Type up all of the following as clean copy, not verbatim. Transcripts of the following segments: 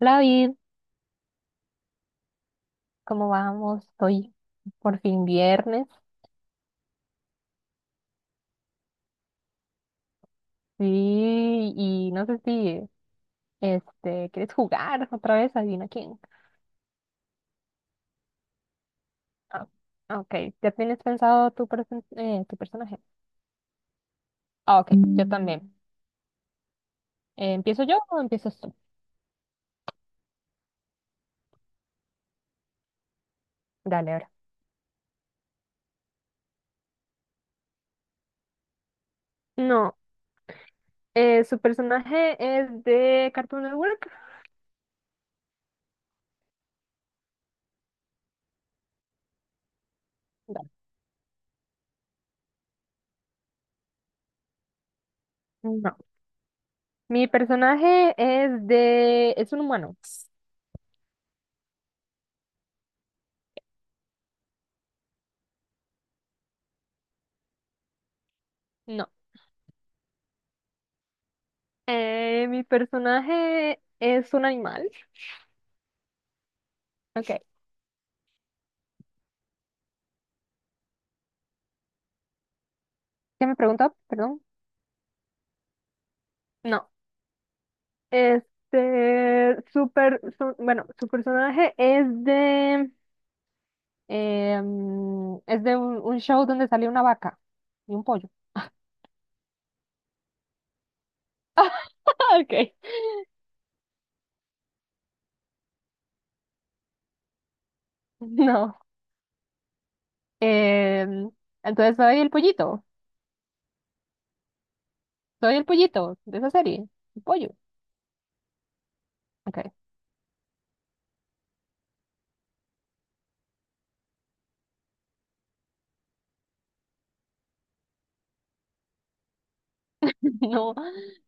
Hola, David, ¿cómo vamos? Hoy por fin viernes. Sí, y no sé si quieres jugar otra vez, adivina quién. Ah, ok, ¿ya tienes pensado tu personaje? Ah, ok, yo también. ¿empiezo yo o empiezas tú? Dale, ahora. No, su personaje es de Cartoon Network. Dale. No. Mi personaje es de. ¿Es un humano? No. Mi personaje es un animal. Ok. ¿Qué me preguntó? Perdón. No, super, bueno, su personaje es de un show donde salió una vaca y un pollo. Ok. No, em, entonces soy el pollito de esa serie, el pollo. Ok, no,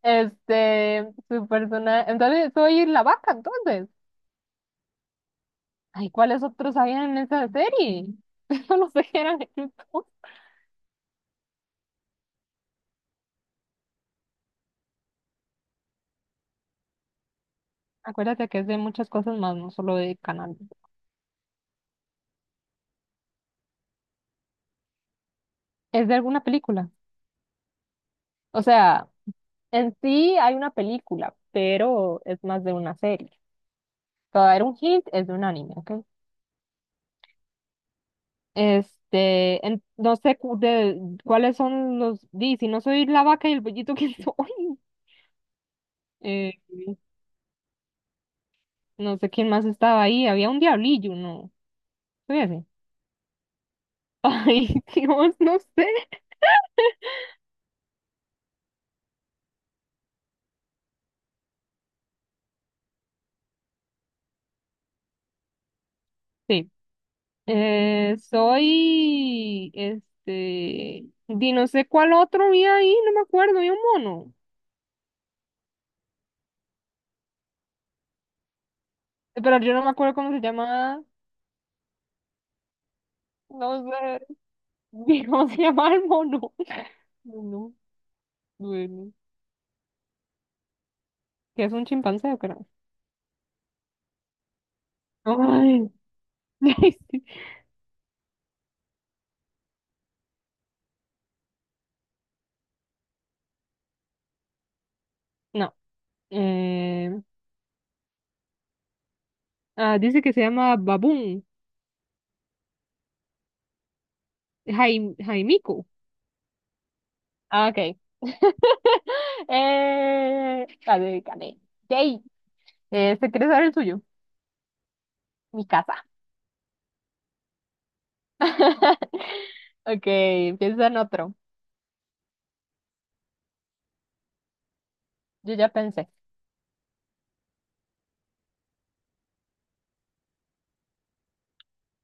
su personaje, entonces soy la vaca, entonces. Ay, ¿cuáles otros habían en esa serie? No sé qué eran. Acuérdate que es de muchas cosas más, no solo de canal. Es de alguna película. O sea, en sí hay una película, pero es más de una serie. Te voy a dar un hint, es de un anime, ¿ok? No sé cu- de, cuáles son los. Di, si no soy la vaca y el pollito, ¿quién soy? Eh, no sé quién más estaba ahí. Había un diablillo, ¿no? Soy así. Ay, Dios, no sé. Sí. Di, no sé cuál otro había ahí, no me acuerdo. Había un mono. Pero yo no me acuerdo cómo se llama. No sé, ni ¿cómo se llama el mono? No, no, bueno. ¿Qué es un chimpancé o qué no? Ay. No. Eh, dice que se llama Baboon. Jaimico. Ah, ok. Gané, gané. Yay. ¿te quieres saber el suyo? Mi casa. Ok, empieza en otro. Yo ya pensé.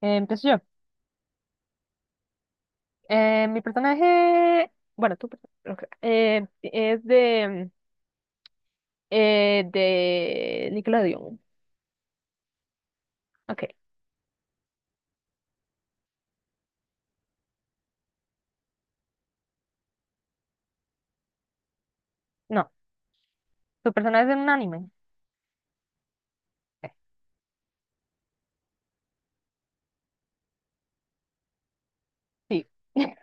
Empiezo yo. Mi personaje. Bueno, tu personaje. Ok, es de. De Nickelodeon. Ok. No. ¿Tu personaje es en un anime? Ok, sí.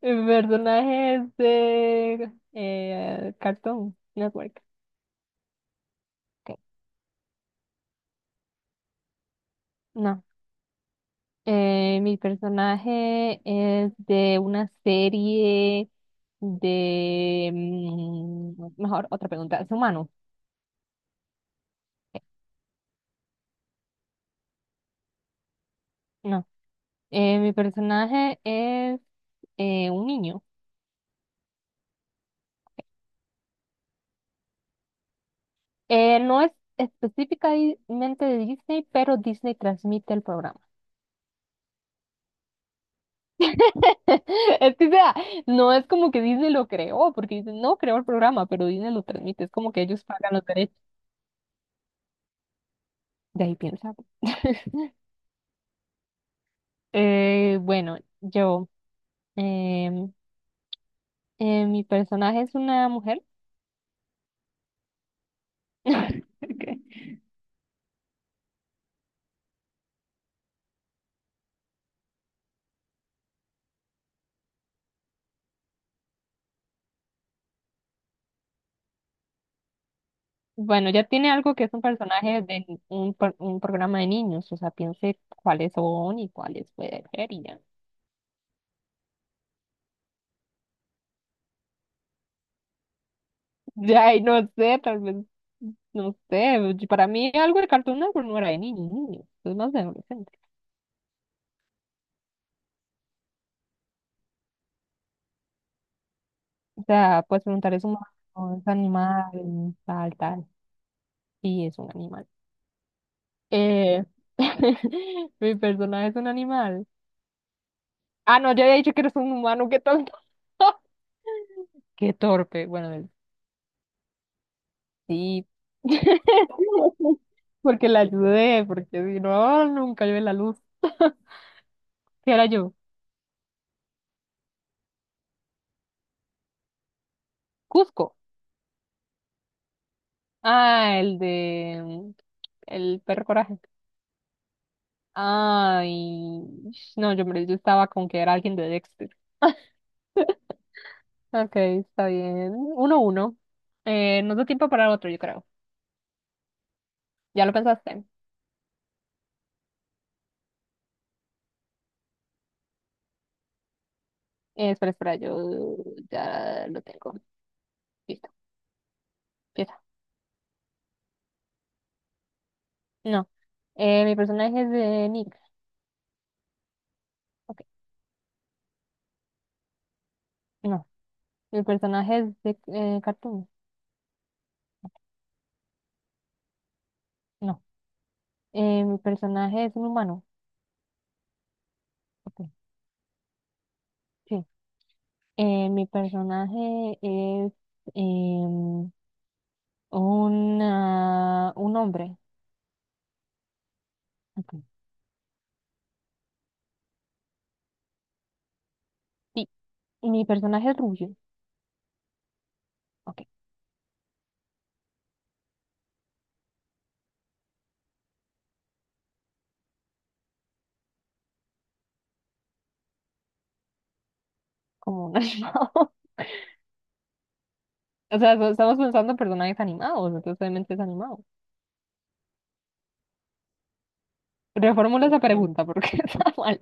Mi personaje es de Cartoon Network. Ok. No. Mi personaje es de una serie. Mejor, otra pregunta. ¿Es humano? Ok, no. Mi personaje es un niño. No es específicamente de Disney, pero Disney transmite el programa. Es que, o sea, no es como que Disney lo creó, porque Disney no creó el programa, pero Disney lo transmite. Es como que ellos pagan los derechos. De ahí piensa. Bueno, em, mi personaje es una mujer. Ok. Bueno, ya tiene algo que es un personaje de un programa de niños, o sea, piense cuáles son y cuáles puede ser y ya. Ay, no sé, tal vez, no sé, para mí algo de Cartoon Network no era de niños, niños, es más de adolescente. O sea, puedes preguntar es humano, es animal, tal, tal, sí, es un animal. Eh, mi personaje es un animal. Ah, no, ya había dicho que eres un humano, qué tonto. Qué torpe, bueno, sí. Porque la ayudé, porque si no, nunca yo la luz. ¿Qué era yo? Cusco. Ah, el de, el perro coraje. Ay, no, yo estaba con que era alguien de Dexter. Ok, está bien. Uno, uno. Nos da tiempo para otro, yo creo. ¿Ya lo pensaste? Espera, espera, yo ya lo tengo. Listo, empieza. No. Mi personaje es de Nick. Ok, no. Mi personaje es de Cartoon. No. Mi personaje es un humano. Ok, sí. Mi personaje es em, un hombre. Ok. Sí, mi personaje es rubio. Ok, como un animado. O sea, estamos pensando en personajes animados, entonces obviamente es animado. Reformula esa pregunta porque está mal.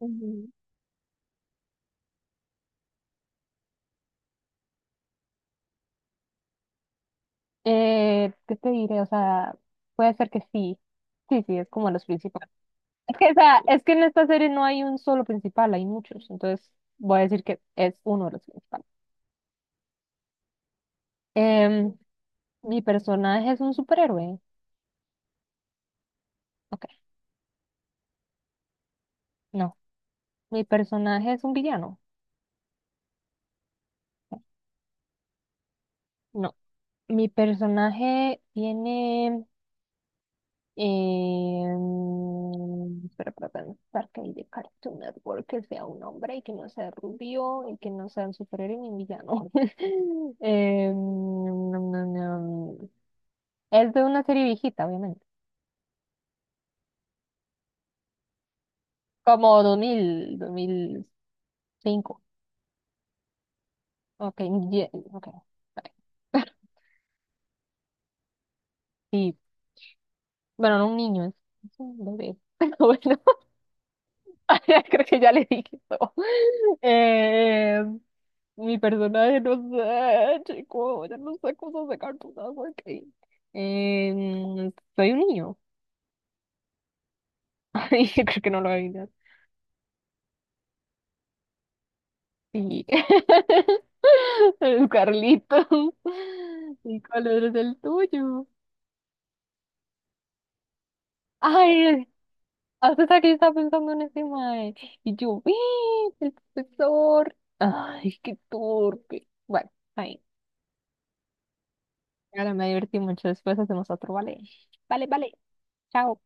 Ujú. ¿qué te diré? O sea, puede ser que sí. Sí, sí, es como los principales. Es que, o sea, es que en esta serie no hay un solo principal, hay muchos. Entonces voy a decir que es uno de los principales. Em, ¿Mi personaje es un superhéroe? Ok, no. ¿Mi personaje es un villano? No. ¿Mi personaje tiene... mm, espera, para pensar que hay de Cartoon Network que sea un hombre y que no sea rubio y que no sea un superhéroe ni un villano. Nom, nom, nom. Es de una serie viejita, obviamente. Como 2000, 2005. Ok, ok, está bien. Sí, bueno, no un niño, es un bebé. Pero bueno, ya creo que ya le dije todo. Eh, Mi personaje, no sé, chico, ya no sé cómo sacar tu agua que. Soy un niño. Ay, yo creo que no lo adivinas. Sí. El Carlitos. ¿Y cuál es el tuyo? Ay, hasta que yo estaba pensando en ese mae. Y yo, ¡eh! El profesor. Ay, qué torpe. Bueno, ahí. Claro, me divertí mucho. Después hacemos otro, ¿vale? Vale, vale. Chao.